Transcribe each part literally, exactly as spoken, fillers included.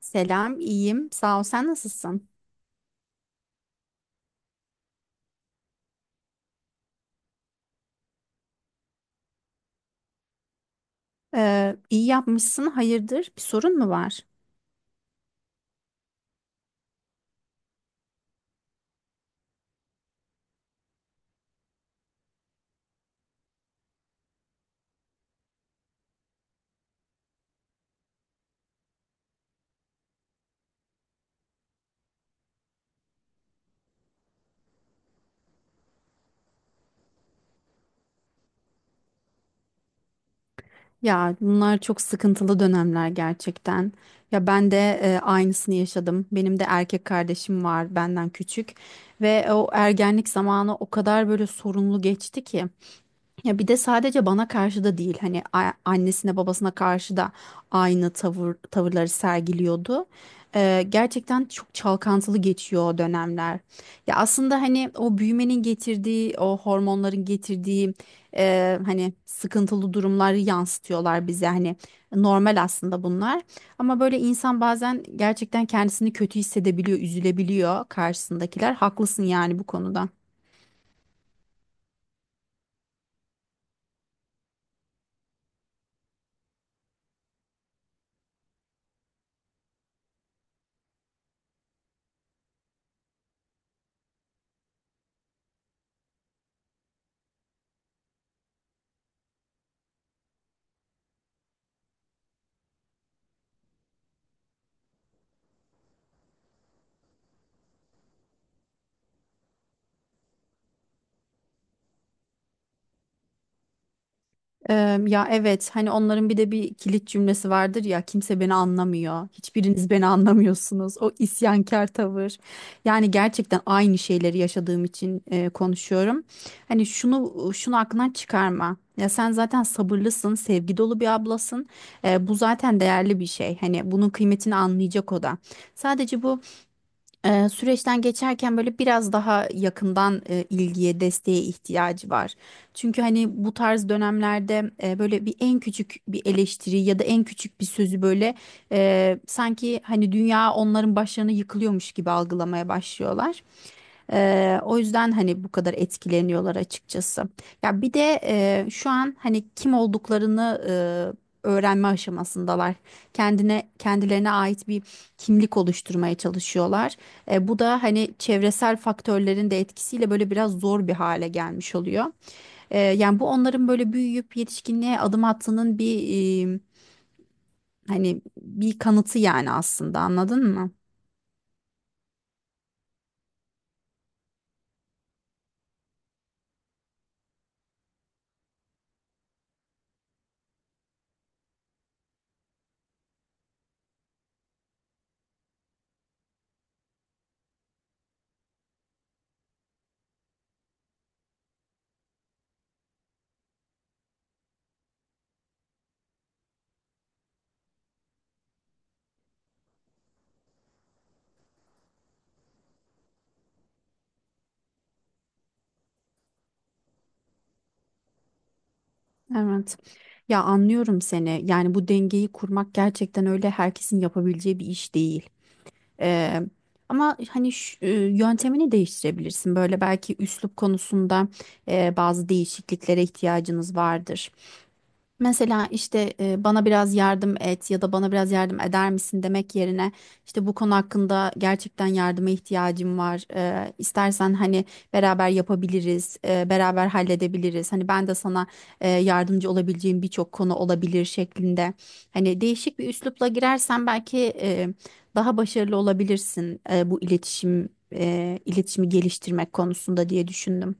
Selam, iyiyim. Sağ ol. Sen nasılsın? Ee, iyi yapmışsın. Hayırdır? Bir sorun mu var? Ya bunlar çok sıkıntılı dönemler gerçekten. Ya ben de e, aynısını yaşadım. Benim de erkek kardeşim var benden küçük ve o ergenlik zamanı o kadar böyle sorunlu geçti ki. Ya bir de sadece bana karşı da değil hani a- annesine babasına karşı da aynı tavır tavırları sergiliyordu. Ee, gerçekten çok çalkantılı geçiyor o dönemler. Ya aslında hani o büyümenin getirdiği o hormonların getirdiği e, hani sıkıntılı durumları yansıtıyorlar bize hani normal aslında bunlar. Ama böyle insan bazen gerçekten kendisini kötü hissedebiliyor, üzülebiliyor karşısındakiler. Haklısın yani bu konuda. Eee, ya evet hani onların bir de bir kilit cümlesi vardır ya kimse beni anlamıyor. Hiçbiriniz beni anlamıyorsunuz. O isyankar tavır. Yani gerçekten aynı şeyleri yaşadığım için eee, konuşuyorum. Hani şunu şunu aklından çıkarma. Ya sen zaten sabırlısın, sevgi dolu bir ablasın. Eee, bu zaten değerli bir şey. Hani bunun kıymetini anlayacak o da. Sadece bu e, süreçten geçerken böyle biraz daha yakından e, ilgiye, desteğe ihtiyacı var. Çünkü hani bu tarz dönemlerde e, böyle bir en küçük bir eleştiri ya da en küçük bir sözü böyle e, sanki hani dünya onların başlarına yıkılıyormuş gibi algılamaya başlıyorlar. Eee, o yüzden hani bu kadar etkileniyorlar açıkçası. Ya bir de eee, şu an hani kim olduklarını eee, öğrenme aşamasındalar. Kendine kendilerine ait bir kimlik oluşturmaya çalışıyorlar. E, bu da hani çevresel faktörlerin de etkisiyle böyle biraz zor bir hale gelmiş oluyor. E, yani bu onların böyle büyüyüp yetişkinliğe adım attığının bir e, hani bir kanıtı yani aslında anladın mı? Evet. Ya anlıyorum seni. Yani bu dengeyi kurmak gerçekten öyle herkesin yapabileceği bir iş değil. Ee, Ama hani şu- e, yöntemini değiştirebilirsin. Böyle belki üslup konusunda e, bazı değişikliklere ihtiyacınız vardır. Mesela işte e, bana biraz yardım et ya da bana biraz yardım eder misin demek yerine işte bu konu hakkında gerçekten yardıma ihtiyacım var. E, istersen hani beraber yapabiliriz, e, beraber halledebiliriz. Hani ben de sana e, yardımcı olabileceğim birçok konu olabilir şeklinde. Hani değişik bir üslupla girersen belki e, daha başarılı olabilirsin e, bu iletişim e, iletişimi geliştirmek konusunda diye düşündüm.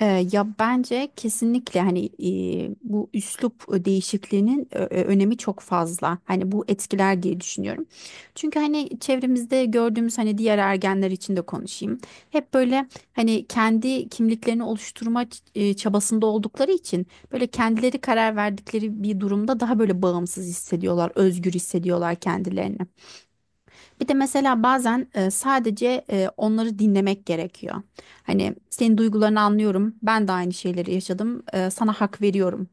Ee, ya bence kesinlikle hani e, bu üslup değişikliğinin e, e, önemi çok fazla. Hani bu etkiler diye düşünüyorum. Çünkü hani çevremizde gördüğümüz hani diğer ergenler için de konuşayım. Hep böyle hani kendi kimliklerini oluşturma ç- e, çabasında oldukları için böyle kendileri karar verdikleri bir durumda daha böyle bağımsız hissediyorlar, özgür hissediyorlar kendilerini. Bir de mesela bazen e, sadece e, onları dinlemek gerekiyor. Hani senin duygularını anlıyorum. Ben de aynı şeyleri yaşadım. E, sana hak veriyorum.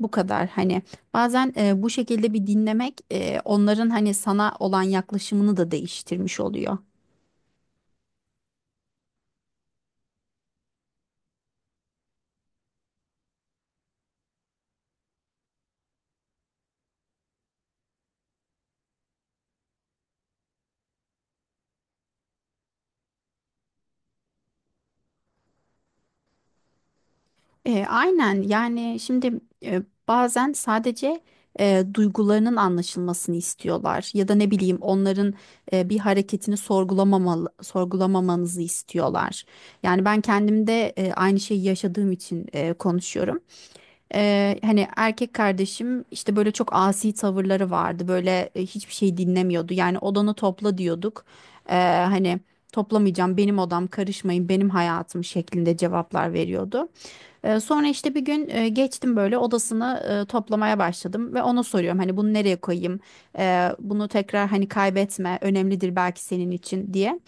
Bu kadar hani bazen e, bu şekilde bir dinlemek e, onların hani sana olan yaklaşımını da değiştirmiş oluyor. E, aynen yani şimdi e, bazen sadece e, duygularının anlaşılmasını istiyorlar ya da ne bileyim onların e, bir hareketini sorgulamamalı, sorgulamamanızı istiyorlar. Yani ben kendimde e, aynı şeyi yaşadığım için e, konuşuyorum. E, hani erkek kardeşim işte böyle çok asi tavırları vardı böyle e, hiçbir şey dinlemiyordu yani odanı topla diyorduk. E, Hani toplamayacağım benim odam karışmayın benim hayatım şeklinde cevaplar veriyordu. Ee, sonra işte bir gün e, geçtim böyle odasını e, toplamaya başladım ve ona soruyorum hani bunu nereye koyayım? Ee, bunu tekrar hani kaybetme önemlidir belki senin için diye.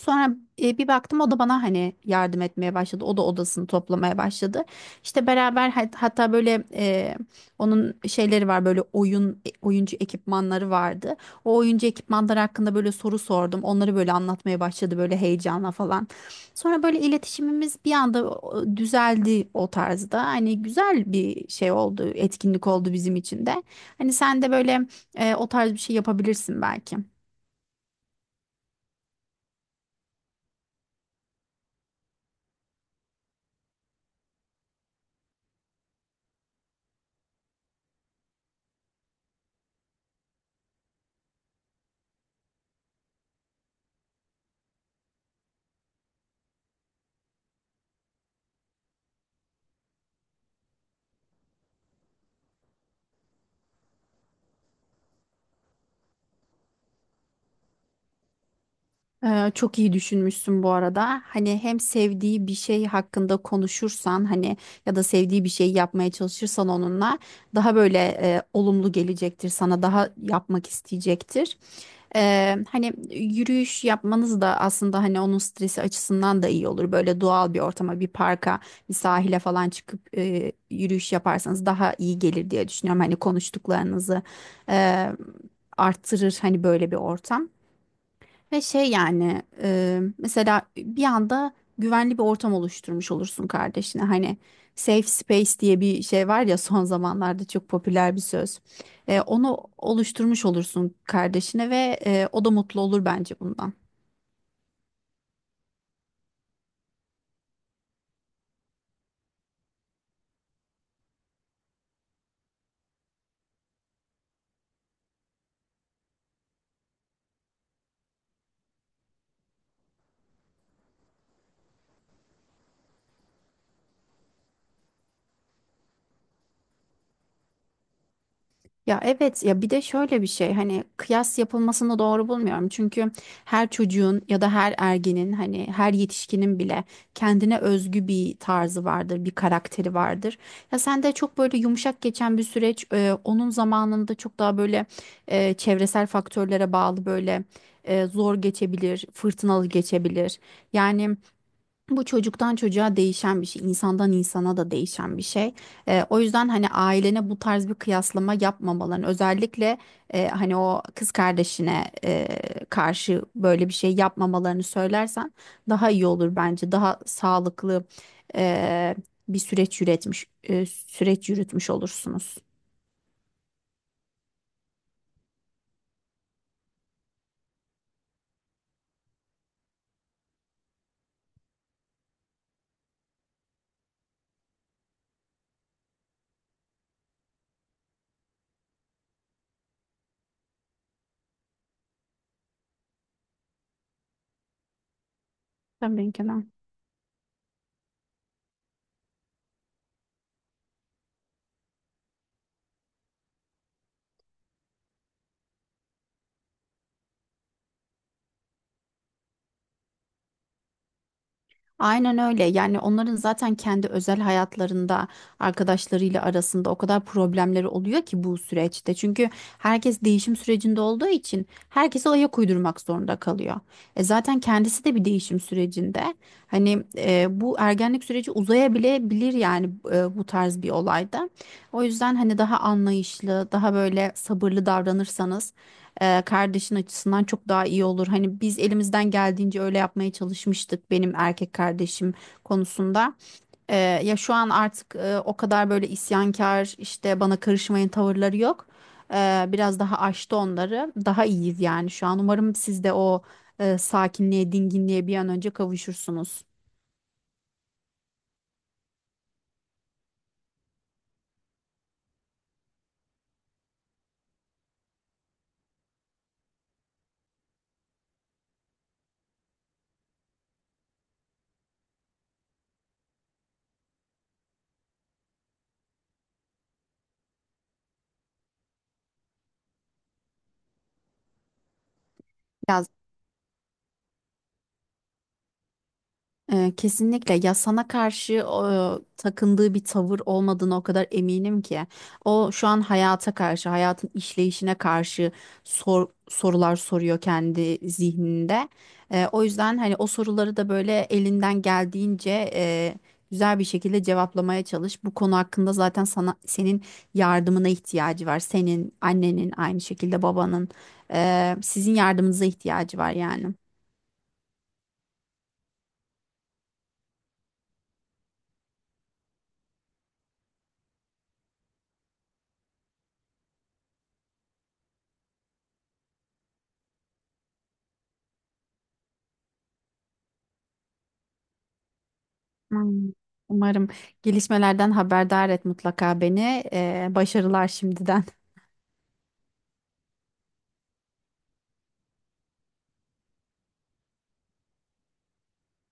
Sonra e, bir baktım o da bana hani yardım etmeye başladı. O da odasını toplamaya başladı. İşte beraber hat- hatta böyle e, onun şeyleri var böyle oyun e, oyuncu ekipmanları vardı. O oyuncu ekipmanları hakkında böyle soru sordum. Onları böyle anlatmaya başladı böyle heyecanla falan. Sonra böyle iletişimimiz bir anda o- düzeldi o tarzda. Hani güzel bir şey oldu, etkinlik oldu bizim için de. Hani sen de böyle e, o tarz bir şey yapabilirsin belki. Ee, çok iyi düşünmüşsün bu arada. Hani hem sevdiği bir şey hakkında konuşursan hani ya da sevdiği bir şey yapmaya çalışırsan onunla daha böyle e, olumlu gelecektir sana daha yapmak isteyecektir. Ee, hani yürüyüş yapmanız da aslında hani onun stresi açısından da iyi olur. Böyle doğal bir ortama, bir parka, bir sahile falan çıkıp e, yürüyüş yaparsanız daha iyi gelir diye düşünüyorum. Hani konuştuklarınızı e, arttırır hani böyle bir ortam. Ve şey yani e, mesela bir anda güvenli bir ortam oluşturmuş olursun kardeşine. Hani safe space diye bir şey var ya son zamanlarda çok popüler bir söz. E, onu oluşturmuş olursun kardeşine ve e, o da mutlu olur bence bundan. Ya evet ya bir de şöyle bir şey hani kıyas yapılmasını doğru bulmuyorum. Çünkü her çocuğun ya da her ergenin hani her yetişkinin bile kendine özgü bir tarzı vardır, bir karakteri vardır. Ya sen de çok böyle yumuşak geçen bir süreç e, onun zamanında çok daha böyle e, çevresel faktörlere bağlı böyle e, zor geçebilir, fırtınalı geçebilir. Yani bu çocuktan çocuğa değişen bir şey, insandan insana da değişen bir şey. Eee, o yüzden hani ailene bu tarz bir kıyaslama yapmamaların, özellikle eee, hani o kız kardeşine eee, karşı böyle bir şey yapmamalarını söylersen daha iyi olur bence. Daha sağlıklı eee, bir süreç yürütmüş, eee, süreç yürütmüş olursunuz. Tabii ki de. Aynen öyle. Yani onların zaten kendi özel hayatlarında arkadaşlarıyla arasında o kadar problemleri oluyor ki bu süreçte. Çünkü herkes değişim sürecinde olduğu için herkese ayak uydurmak zorunda kalıyor. E zaten kendisi de bir değişim sürecinde. Hani e, bu ergenlik süreci uzayabilebilir yani e, bu tarz bir olayda. O yüzden hani daha anlayışlı, daha böyle sabırlı davranırsanız e, kardeşin açısından çok daha iyi olur. Hani biz elimizden geldiğince öyle yapmaya çalışmıştık benim erkek kardeşim konusunda. E, ya şu an artık e, o kadar böyle isyankar işte bana karışmayın tavırları yok. E, biraz daha aştı onları. Daha iyiyiz yani şu an. Umarım siz de o e, sakinliğe, dinginliğe bir an önce kavuşursunuz. Ya Ee, kesinlikle ya sana karşı e, takındığı bir tavır olmadığına o kadar eminim ki. O şu an hayata karşı, hayatın işleyişine karşı sor- sorular soruyor kendi zihninde. Ee, o yüzden hani o soruları da böyle elinden geldiğince e, güzel bir şekilde cevaplamaya çalış. Bu konu hakkında zaten sana senin yardımına ihtiyacı var. Senin, annenin, aynı şekilde babanın, e, sizin yardımınıza ihtiyacı var yani. Hmm, Umarım gelişmelerden haberdar et mutlaka beni. Ee, başarılar şimdiden.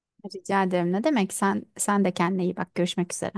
Rica ederim. Ne demek? Sen sen de kendine iyi bak. Görüşmek üzere.